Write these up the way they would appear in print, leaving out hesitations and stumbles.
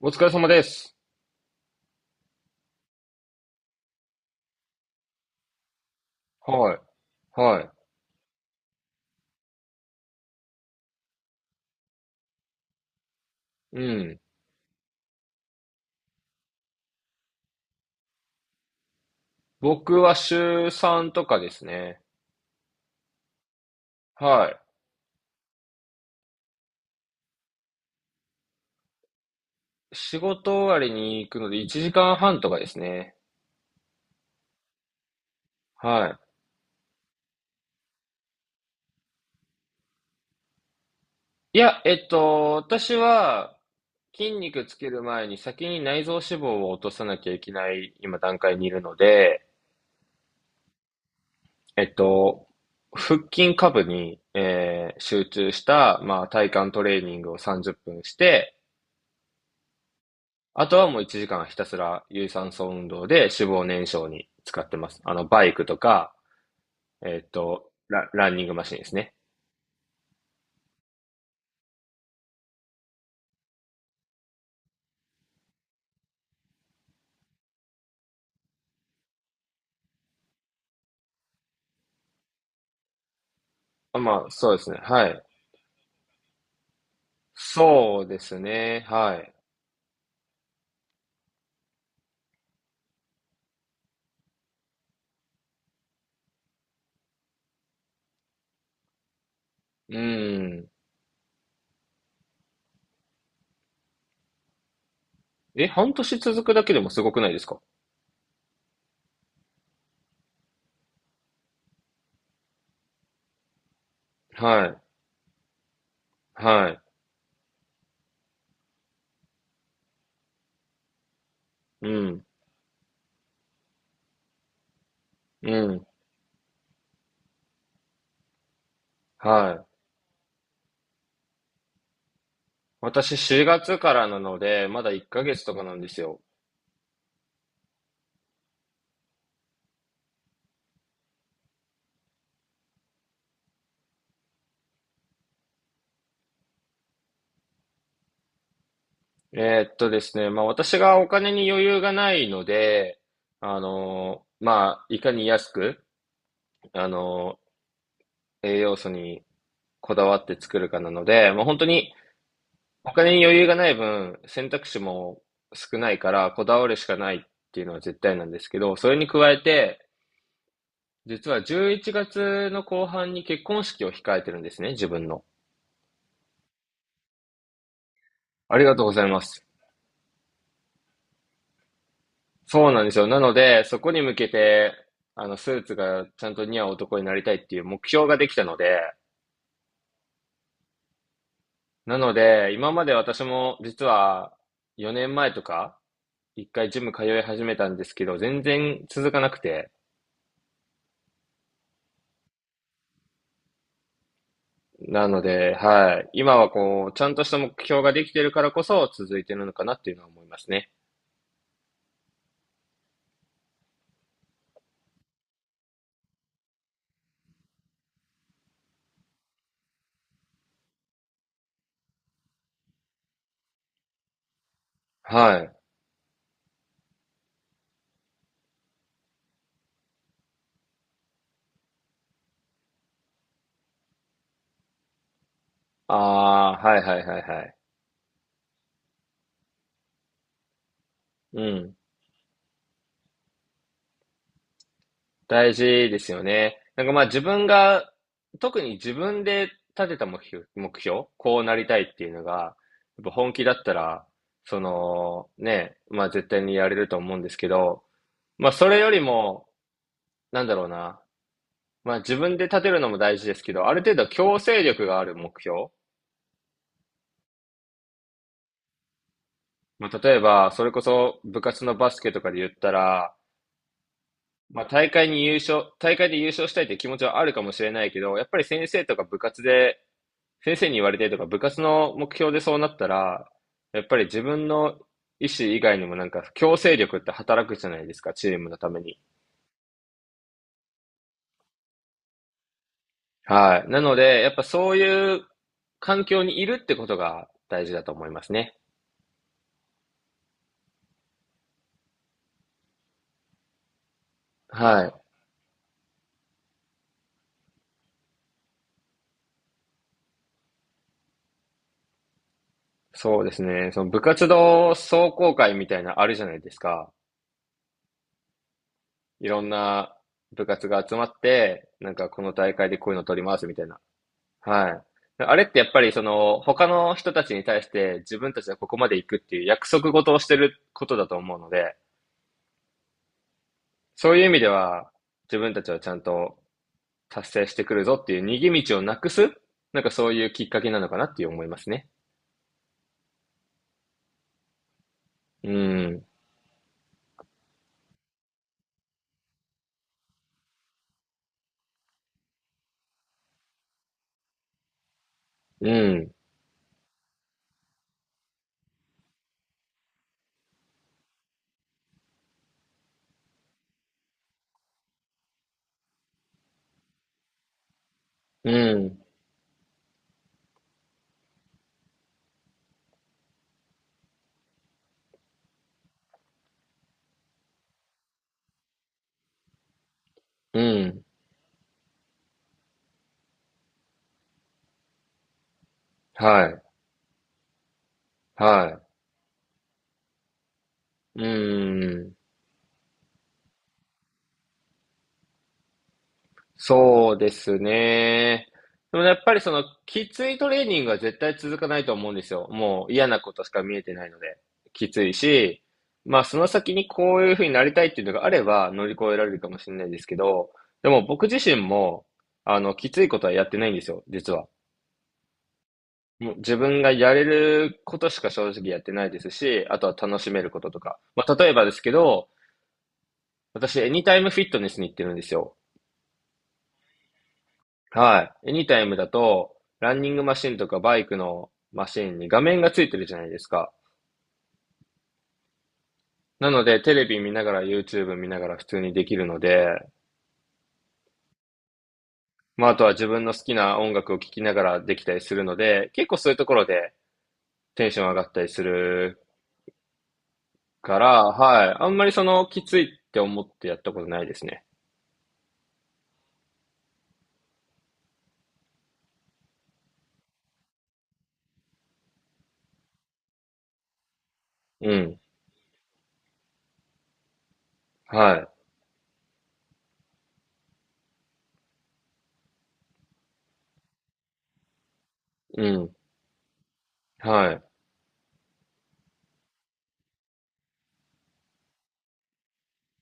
お疲れ様です。はい。はい。うん。僕は週3とかですね。はい。仕事終わりに行くので1時間半とかですね。はい。いや、私は筋肉つける前に先に内臓脂肪を落とさなきゃいけない今段階にいるので、えっと、腹筋下部に、集中した、まあ、体幹トレーニングを30分して、あとはもう1時間ひたすら有酸素運動で脂肪燃焼に使ってます。あの、バイクとか、ランニングマシンですね。まあ、そうですね。はい。そうですね。はい。うん。え、半年続くだけでもすごくないですか？はい。はい。うん。うん。はい。私4月からなので、まだ1ヶ月とかなんですよ。ですね、まあ私がお金に余裕がないので、まあ、いかに安く、あの栄養素にこだわって作るかなので、もう本当にお金に余裕がない分、選択肢も少ないから、こだわるしかないっていうのは絶対なんですけど、それに加えて、実は11月の後半に結婚式を控えてるんですね、自分の。ありがとうございます。そうなんですよ。なので、そこに向けて、あの、スーツがちゃんと似合う男になりたいっていう目標ができたので、なので、今まで私も実は4年前とか、一回ジム通い始めたんですけど、全然続かなくて。なので、はい。今はこう、ちゃんとした目標ができてるからこそ続いてるのかなっていうのは思いますね。はい。ああ、はいはいはいはい。うん。大事ですよね。なんかまあ自分が、特に自分で立てた目標、こうなりたいっていうのが、やっぱ本気だったら、その、ね、まあ絶対にやれると思うんですけど、まあそれよりも、なんだろうな、まあ自分で立てるのも大事ですけど、ある程度強制力がある目標。まあ例えば、それこそ部活のバスケとかで言ったら、まあ大会で優勝したいって気持ちはあるかもしれないけど、やっぱり先生とか部活で、先生に言われてとか部活の目標でそうなったら、やっぱり自分の意思以外にもなんか強制力って働くじゃないですか、チームのために。はい。なので、やっぱそういう環境にいるってことが大事だと思いますね。はい。そうですね。その部活動壮行会みたいなあるじゃないですか。いろんな部活が集まって、なんかこの大会でこういうの取りますみたいな。はい。あれってやっぱりその他の人たちに対して自分たちはここまで行くっていう約束事をしてることだと思うので、そういう意味では自分たちはちゃんと達成してくるぞっていう逃げ道をなくす、なんかそういうきっかけなのかなっていう思いますね。うん、うん、うん、うん。はい、はい。うん。そうですね。でもやっぱりそのきついトレーニングは絶対続かないと思うんですよ。もう嫌なことしか見えてないので。きついし、まあその先にこういうふうになりたいっていうのがあれば乗り越えられるかもしれないですけど、でも僕自身も、あの、きついことはやってないんですよ、実は。もう自分がやれることしか正直やってないですし、あとは楽しめることとか。まあ例えばですけど、私エニタイムフィットネスに行ってるんですよ。はい。エニタイムだと、ランニングマシンとかバイクのマシンに画面がついてるじゃないですか。なので、テレビ見ながら YouTube 見ながら普通にできるので、まあ、あとは自分の好きな音楽を聴きながらできたりするので、結構そういうところでテンション上がったりするから、はい。あんまりその、きついって思ってやったことないですね。うん。はい。うん。はい。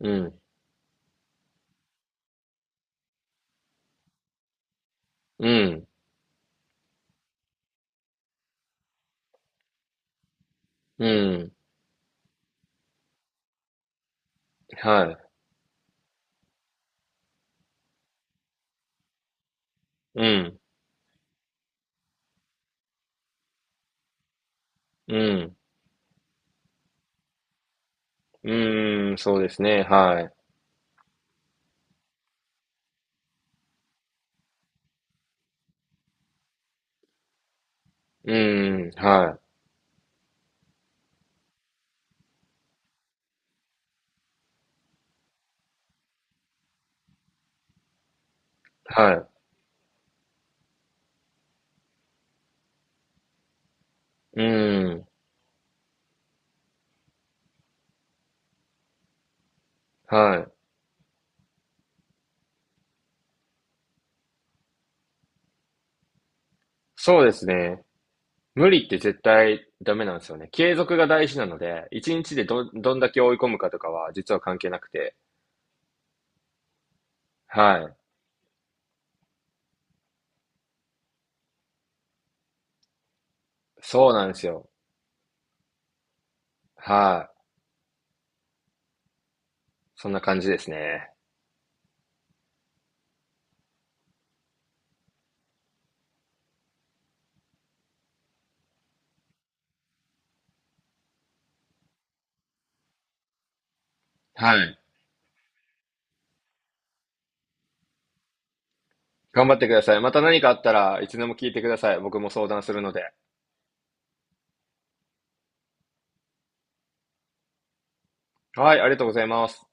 うん。うん。うん。はい。うん。うん。うーん。そうですね。はい。うーん、はい、はい、うーん、はい。そうですね。無理って絶対ダメなんですよね。継続が大事なので、一日でどんだけ追い込むかとかは実は関係なくて。はい。そうなんですよ。はい。そんな感じですね。はい。頑張ってください。また何かあったらいつでも聞いてください。僕も相談するので。はい、ありがとうございます。